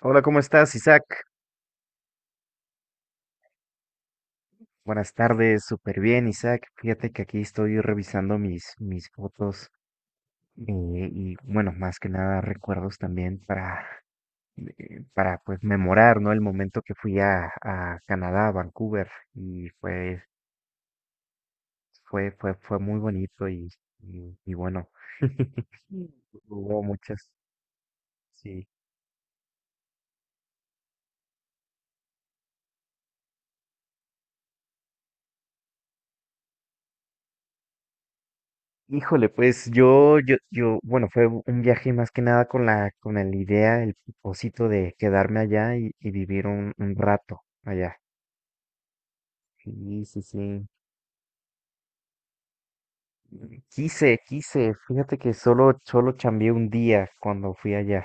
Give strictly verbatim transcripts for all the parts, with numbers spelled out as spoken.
Hola, ¿cómo estás, Isaac? Buenas tardes, súper bien, Isaac. Fíjate que aquí estoy revisando mis, mis fotos eh, y, bueno, más que nada recuerdos también para, eh, para pues memorar, ¿no? El momento que fui a, a Canadá, a Vancouver, y fue, fue, fue, fue muy bonito y, y, y bueno, hubo muchas, sí. Híjole, pues yo, yo, yo, bueno, fue u- un viaje más que nada con la, con la idea, el propósito de quedarme allá y, y vivir un, un rato allá. Sí, sí, sí. Quise, quise. Fíjate que solo, solo chambeé un día cuando fui allá.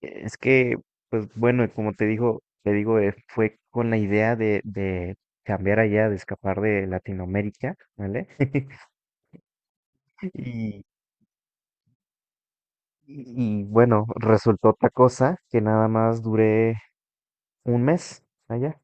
Es que, pues bueno, como te digo, te digo, eh, fue con la idea de, de cambiar allá, de escapar de Latinoamérica, ¿vale? Y, y y, bueno, resultó otra cosa que nada más duré. ¿Un mes allá?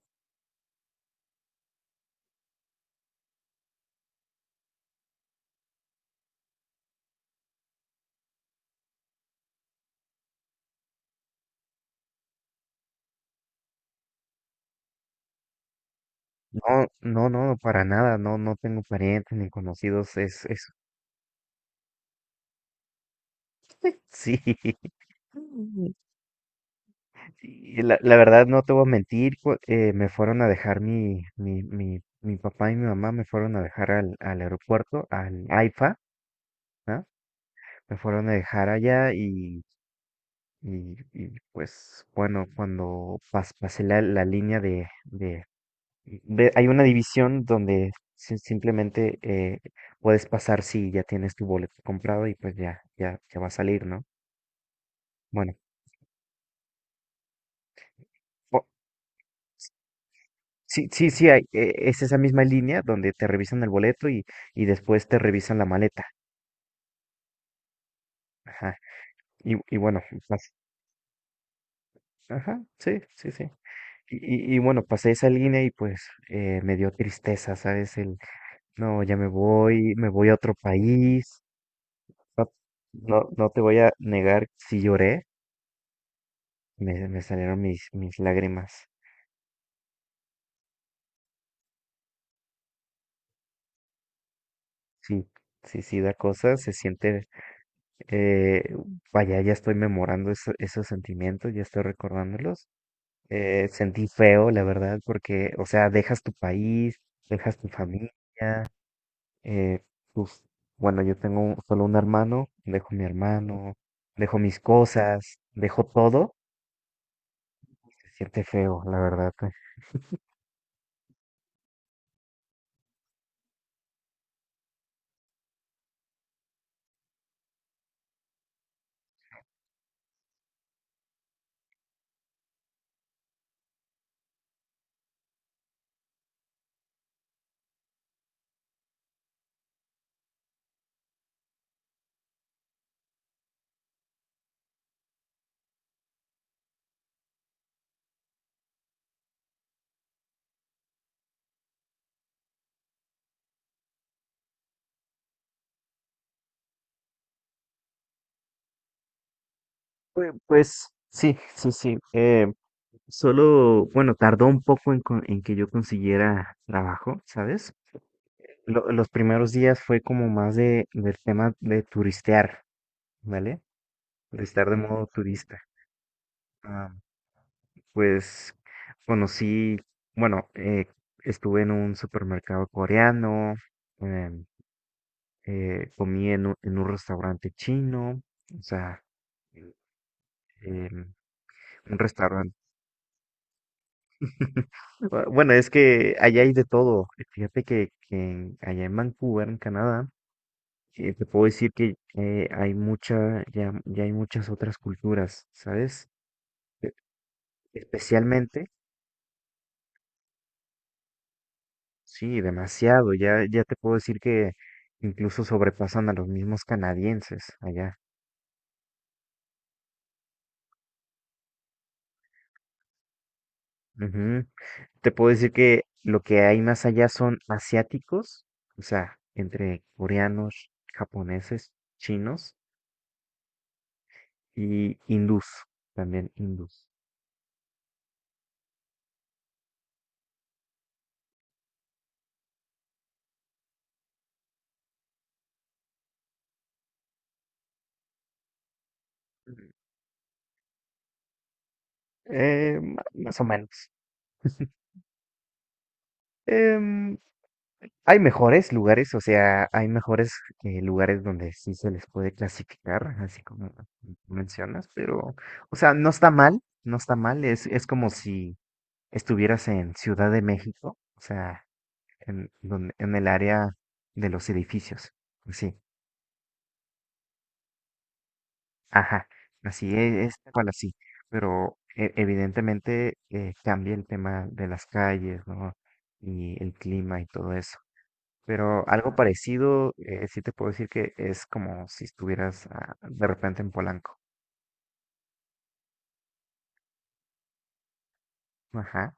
No, no, no, para nada, no, no tengo parientes ni conocidos, es, es, sí. Mm. Y la, la verdad no te voy a mentir, cu- eh, me fueron a dejar mi, mi, mi, mi papá y mi mamá me fueron a dejar al, al aeropuerto, al AIFA, ¿no? Me fueron a dejar allá y, y, y, pues bueno, cuando pas- pasé la, la línea de, de, ve- hay una división donde si- simplemente eh, puedes pasar si ya tienes tu boleto comprado y pues ya, ya, ya va a salir, ¿no? Bueno, o- sí, sí, sí, hay, eh, es esa misma línea donde te revisan el boleto y, y después te revisan la maleta. Ajá. Y, y bueno, pas- ajá, sí, sí, sí. Y, y, y bueno, pasé esa línea y pues eh, me dio tristeza, ¿sabes? El, no, ya me voy, me voy a otro país. No, no, no te voy a negar si lloré. Me, me salieron mis, mis lágrimas. Sí, sí, sí, da cosa, se siente, eh, vaya, ya estoy memorando eso- esos sentimientos, ya estoy recordándolos. Eh, sentí feo, la verdad, porque, o sea, dejas tu país, dejas tu familia, eh, tus- bueno, yo tengo un- solo un hermano, dejo mi hermano, dejo mis cosas, dejo todo. Se siente feo, la verdad. Pues, pues sí, sí, sí. eh, Solo, bueno, tardó un poco en, con- en que yo consiguiera trabajo, ¿sabes? Lo- los primeros días fue como más de, del tema de turistear, ¿vale? Turistear de modo turista. Ah, pues conocí, bueno, eh, estuve en un supermercado coreano, em, eh, comí en un, en un restaurante chino, o sea, em, un restaurante. Bu- Bueno, es que allá hay de todo. Fíjate que, que en- allá en Vancouver, en Canadá, eh, te puedo decir que eh, hay mucha, ya, ya hay muchas otras culturas, ¿sabes? E- Especialmente, sí, demasiado. Ya, ya te puedo decir que incluso sobrepasan a los mismos canadienses allá. Ujú. Te puedo decir que lo que hay más allá son asiáticos, o sea, entre coreanos, japoneses, chinos. Y hindús, también hindús. Eh, ma- más o menos. Em, hay mejores lugares, o sea, hay mejores eh, lugares donde sí se les puede clasificar, así como mencionas, pero, o sea, no está mal, no está mal, es, es como si estuvieras en Ciudad de México, o sea, en, donde, en el área de los edificios, sí. Ajá, así es, es tal cual así, pero e- evidentemente eh, cambia el tema de las calles, ¿no? Y el clima y todo eso. Pero algo parecido, eh, sí te puedo decir que es como si estuvieras ah, de repente en Polanco. Ajá.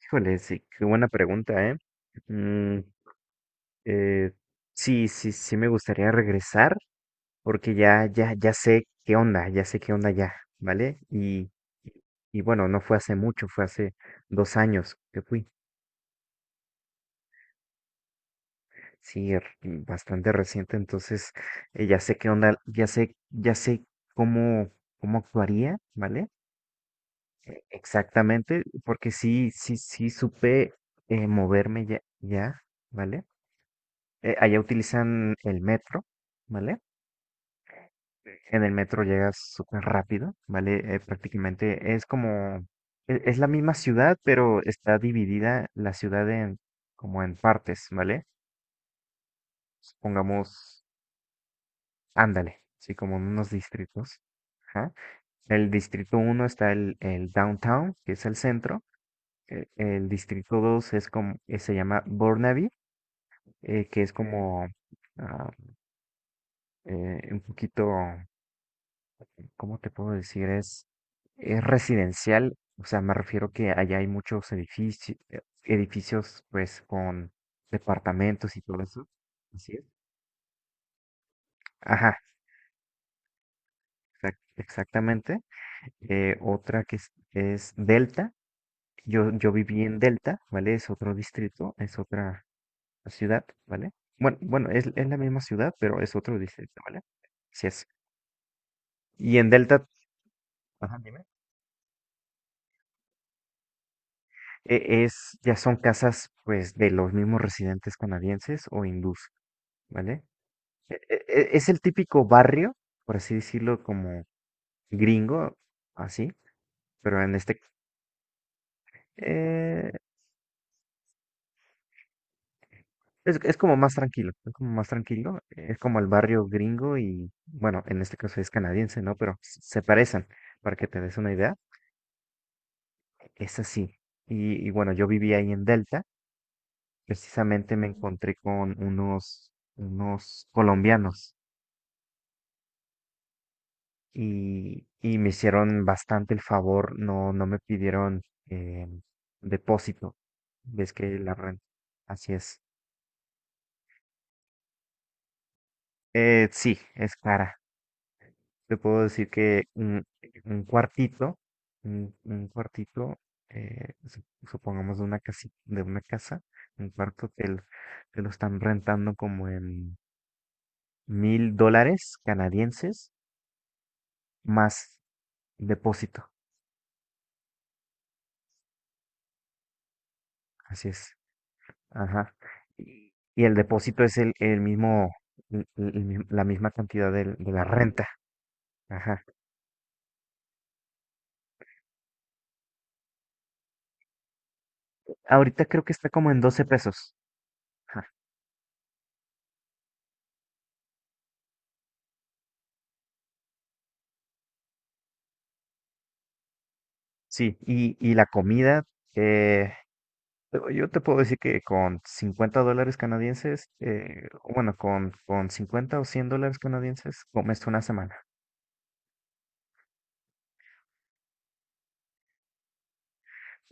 Híjole, sí, qué buena pregunta, ¿eh? Mm, eh, sí, sí, sí me gustaría regresar, porque ya, ya, ya sé qué onda, ya sé qué onda ya, ¿vale? Y, y bueno, no fue hace mucho, fue hace dos años que fui. Sí, r- bastante reciente, entonces eh, ya sé qué onda, ya sé, ya sé cómo, cómo actuaría, ¿vale? Exactamente, porque sí, sí, sí supe eh, moverme ya, ya, ¿vale? Eh, allá utilizan el metro, ¿vale? En el metro llegas súper rápido, ¿vale? Eh, prácticamente es como, e- es la misma ciudad, pero está dividida la ciudad en, como en partes, ¿vale? Pongamos, ándale, sí, como en unos distritos. Ajá. El distrito uno está el, el downtown, que es el centro. eh, El distrito dos es como, eh, se llama Burnaby, eh, que es como ah, eh, un poquito ¿cómo te puedo decir? Es, es residencial, o sea, me refiero que allá hay muchos edificios, edificios pues con departamentos y todo eso. Así es. Ajá, exac- exactamente. Eh, otra que es, es Delta. Yo, yo viví en Delta, ¿vale? Es otro distrito, es otra ciudad, ¿vale? Bueno, bueno, es, es la misma ciudad, pero es otro distrito, ¿vale? Así es. Y en Delta, ajá, dime. E- Es, ya son casas pues de los mismos residentes canadienses o hindús, ¿vale? E- e- e- Es el típico barrio, por así decirlo, como gringo, así, pero en este, eh, es, es como más tranquilo, es como más tranquilo, es como el barrio gringo y, bueno, en este caso es canadiense, ¿no? Pero s- se parecen, para que te des una idea, es así. Y, y bueno, yo viví ahí en Delta, precisamente me encontré con unos, unos colombianos y, y me hicieron bastante el favor, no, no me pidieron eh, depósito. Ves que la renta, así es. Eh, sí, es cara. Te puedo decir que un, un cuartito, un, un cuartito, eh, su- supongamos de una casi, de una casa, un cuarto te, lo- te lo están rentando como en mil dólares canadienses más depósito. Así es. Ajá. Y, y el depósito es el, el mismo, el- el- el mi- la misma cantidad del- de, la renta. Ajá. Ahorita creo que está como en doce pesos. Ajá. Sí, y, y la comida, eh, yo yo te puedo decir que con cincuenta dólares canadienses, eh, bueno, con, con cincuenta o cien dólares canadienses, comes una semana.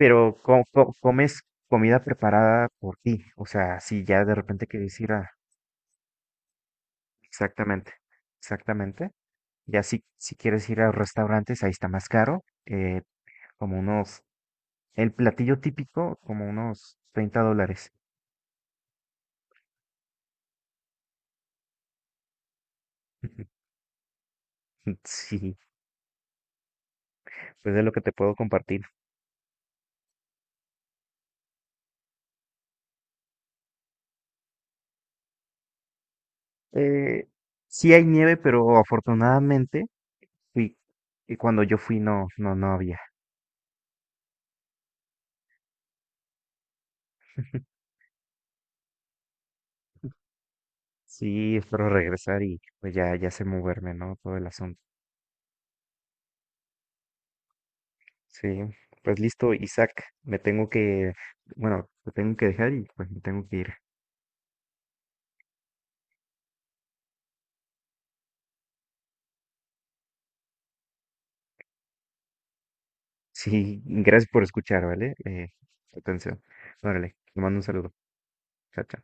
Pero co- co- comes comida preparada por ti. O sea, si ya de repente quieres ir a... Exactamente, exactamente. Ya si, si quieres ir a restaurantes, ahí está más caro, eh, como unos, el platillo típico, como unos treinta dólares. Sí, pues es lo que te puedo compartir. Eh, sí hay nieve, pero afortunadamente fui, y cuando yo fui no, no, no había. Sí, espero regresar y pues ya, ya sé moverme, ¿no? Todo el asunto. Sí, pues listo, Isaac, me tengo que, bueno, te tengo que dejar y pues me tengo que ir. Sí, gracias por escuchar, ¿vale? Eh, atención. Órale, te mando un saludo. Chao, chao.